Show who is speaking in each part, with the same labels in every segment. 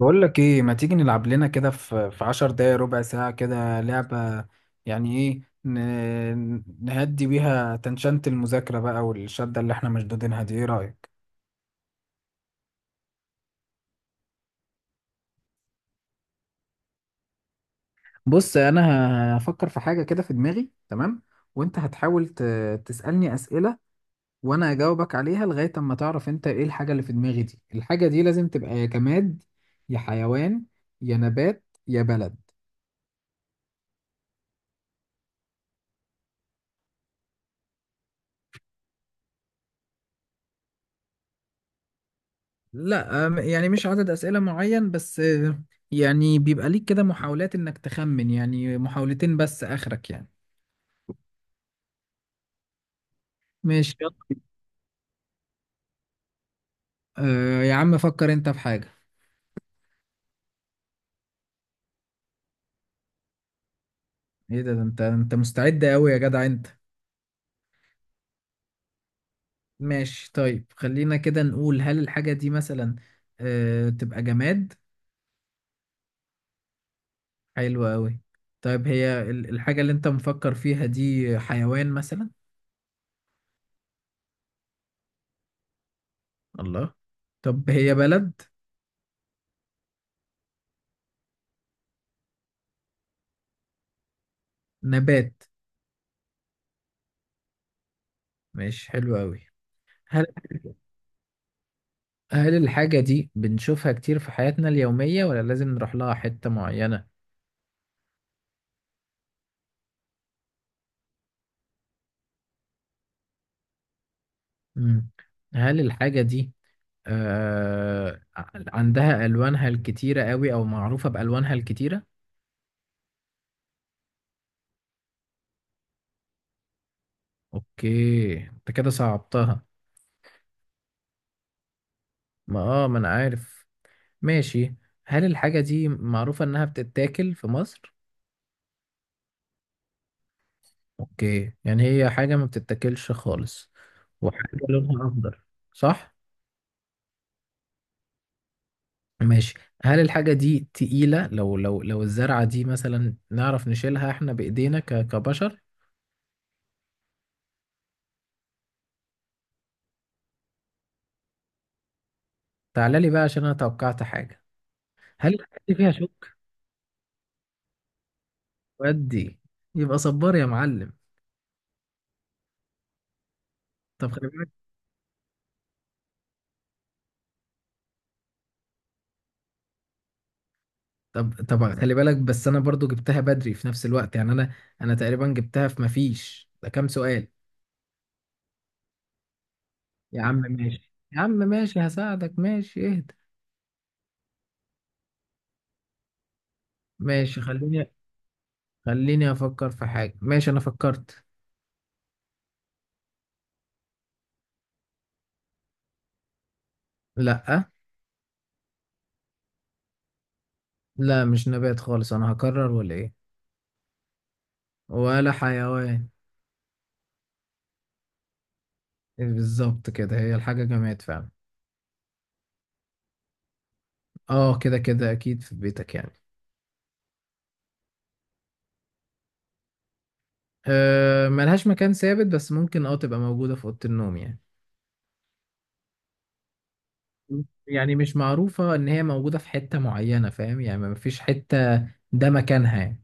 Speaker 1: بقول لك ايه ما تيجي نلعب لنا كده في 10 دقايق ربع ساعة كده لعبة. يعني ايه نهدي بيها تنشنت المذاكرة بقى، والشدة اللي احنا مشدودينها دي، ايه رأيك؟ بص انا هفكر في حاجة كده في دماغي، تمام؟ وانت هتحاول تسألني أسئلة، وانا اجاوبك عليها لغاية اما تعرف انت ايه الحاجة اللي في دماغي دي. الحاجة دي لازم تبقى يا جماد، يا حيوان، يا نبات، يا بلد. لا، يعني مش عدد أسئلة معين، بس. يعني بيبقى ليك كده محاولات إنك تخمن، يعني محاولتين بس آخرك يعني. ماشي، يلا. آه يا عم، فكر أنت في حاجة. إيه ده؟ أنت مستعد أوي يا جدع أنت؟ ماشي، طيب، خلينا كده نقول: هل الحاجة دي مثلا تبقى جماد؟ حلوة أوي. طيب هي الحاجة اللي أنت مفكر فيها دي حيوان مثلا؟ الله. طب هي بلد؟ نبات؟ ماشي، حلو أوي. هل الحاجة دي بنشوفها كتير في حياتنا اليومية ولا لازم نروح لها حتة معينة؟ مم. هل الحاجة دي آه عندها ألوانها الكتيرة قوي، أو معروفة بألوانها الكتيرة؟ أوكي، أنت كده صعبتها. ما أنا عارف. ماشي. هل الحاجة دي معروفة إنها بتتاكل في مصر؟ أوكي، يعني هي حاجة ما بتتاكلش خالص، وحاجة لونها أخضر، صح؟ ماشي. هل الحاجة دي تقيلة؟ لو الزرعة دي مثلا نعرف نشيلها احنا بإيدينا كبشر؟ تعالى لي بقى عشان انا توقعت حاجة. هل الحاجة دي فيها شوك؟ ودي يبقى صبار يا معلم. طب خلي بالك. طب خلي بالك، بس انا برضو جبتها بدري في نفس الوقت، يعني انا تقريبا جبتها في مفيش، ده كام سؤال؟ يا عم ماشي، يا عم ماشي، هساعدك، ماشي، اهدى. ماشي، خليني افكر في حاجة. ماشي انا فكرت. لا لا، مش نبات خالص، انا هكرر ولا ايه؟ ولا حيوان. بالظبط كده، هي الحاجة جماد فعلا. اه، كده كده اكيد في بيتك يعني. أه، ملهاش مكان ثابت، بس ممكن اه تبقى موجودة في أوضة النوم يعني. يعني مش معروفة ان هي موجودة في حتة معينة، فاهم؟ يعني ما فيش حتة ده مكانها يعني.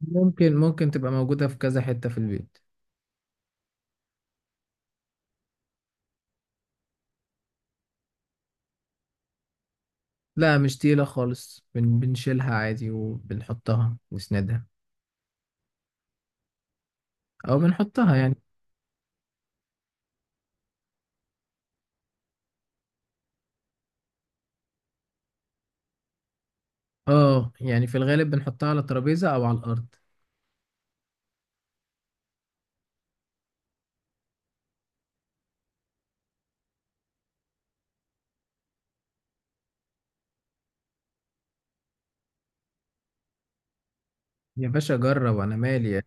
Speaker 1: ممكن تبقى موجودة في كذا حتة في البيت. لا مش تقيلة خالص، بنشيلها عادي، وبنحطها نسندها او بنحطها يعني. اه، يعني في الغالب بنحطها على ترابيزة او على الارض. يا باشا جرب، انا مالي.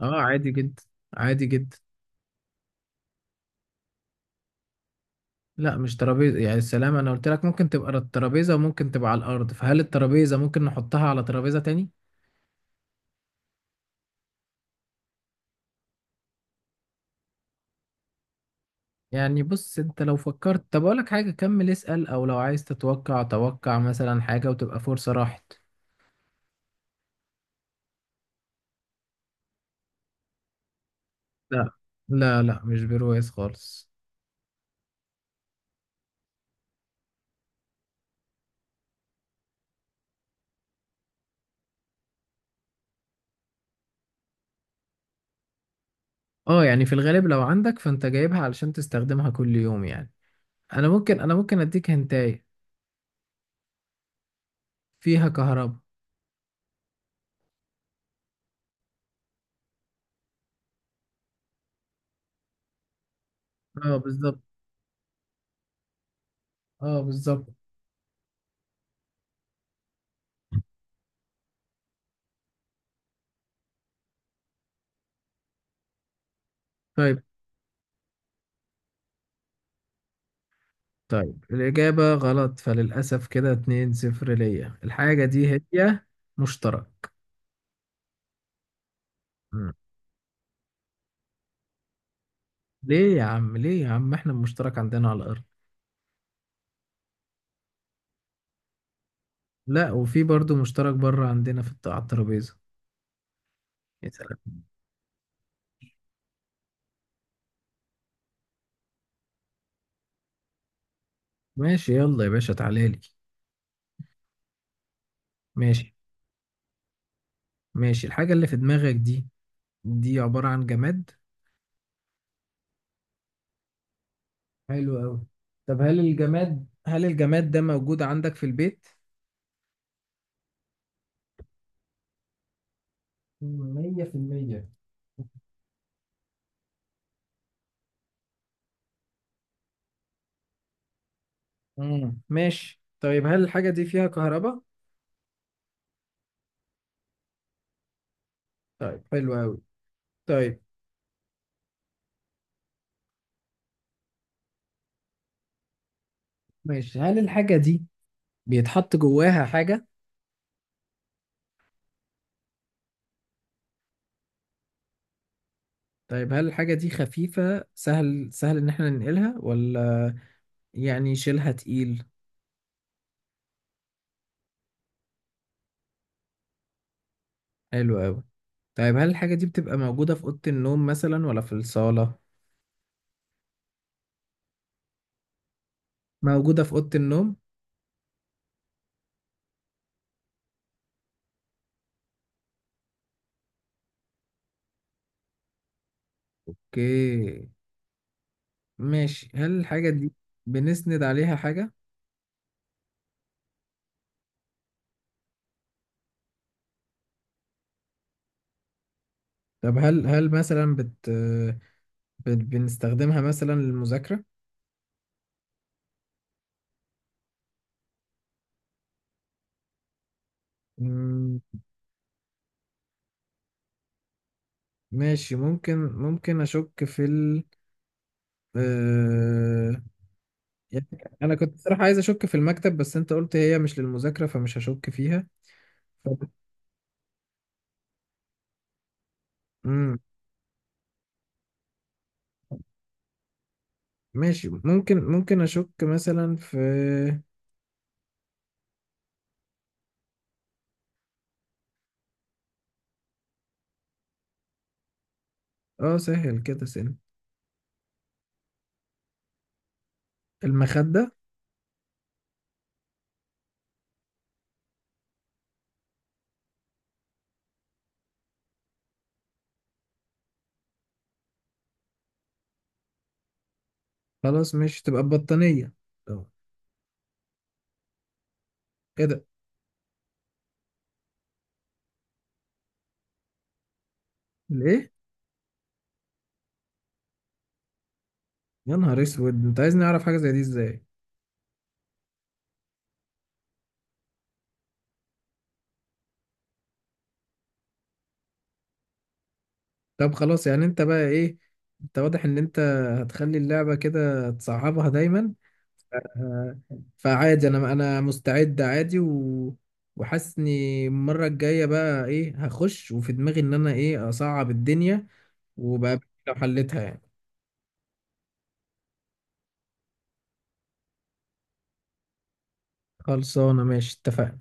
Speaker 1: اه عادي جدا، عادي جدا. لا مش ترابيزه، يعني السلام، انا قلت لك ممكن تبقى الترابيزه وممكن تبقى على الارض، فهل الترابيزه ممكن نحطها على ترابيزه تاني؟ يعني بص، انت لو فكرت، طب اقول لك حاجه، كمل اسال، او لو عايز تتوقع، توقع مثلا حاجه وتبقى فرصه راحت. لا لا لا، مش برواز خالص. اه، يعني في الغالب لو عندك فانت جايبها علشان تستخدمها كل يوم يعني. انا ممكن اديك هنتايه: فيها كهرباء. اه بالظبط. اه بالظبط. طيب، طيب الإجابة غلط فللأسف، كده 2-0 ليا. الحاجة دي هي مشترك. مم. ليه يا عم، ليه يا عم، احنا المشترك عندنا على الأرض. لا، وفي برضو مشترك بره عندنا في على الترابيزة. يا سلام. ماشي يلا يا باشا، تعالى لي. ماشي. ماشي، الحاجة اللي في دماغك دي، دي عبارة عن جماد؟ حلو أوي. طب هل الجماد، هل الجماد ده موجود عندك في البيت؟ 100%. مم. ماشي، طيب، هل الحاجة دي فيها كهرباء؟ طيب، حلو أوي. طيب. ماشي، هل الحاجة دي بيتحط جواها حاجة؟ طيب هل الحاجة دي خفيفة؟ سهل إن احنا ننقلها، ولا يعني شيلها تقيل؟ حلو أوي. طيب هل الحاجة دي بتبقى موجودة في أوضة النوم مثلا ولا في الصالة؟ موجودة في أوضة النوم؟ اوكي، ماشي، هل الحاجة دي بنسند عليها حاجة؟ طب هل مثلا بنستخدمها مثلا للمذاكرة؟ مم، ماشي، ممكن أشك في آه، يعني انا كنت صراحة عايز اشك في المكتب، بس انت قلت هي مش للمذاكرة، فمش هشك فيها. ف... امم ماشي، ممكن اشك مثلا في، اه، سهل كده، سن، المخدة. خلاص مش تبقى البطانية؟ طب ايه ده؟ الايه؟ يا نهار اسود، انت عايزني اعرف حاجة زي دي ازاي؟ طب خلاص، يعني انت بقى ايه؟ انت واضح ان انت هتخلي اللعبة كده تصعبها دايما. آه، فعادي، انا مستعد عادي وحاسس اني المره الجايه بقى ايه هخش وفي دماغي ان انا ايه اصعب الدنيا، وبقى لو حلتها يعني. خلصانه، ماشي، اتفقنا.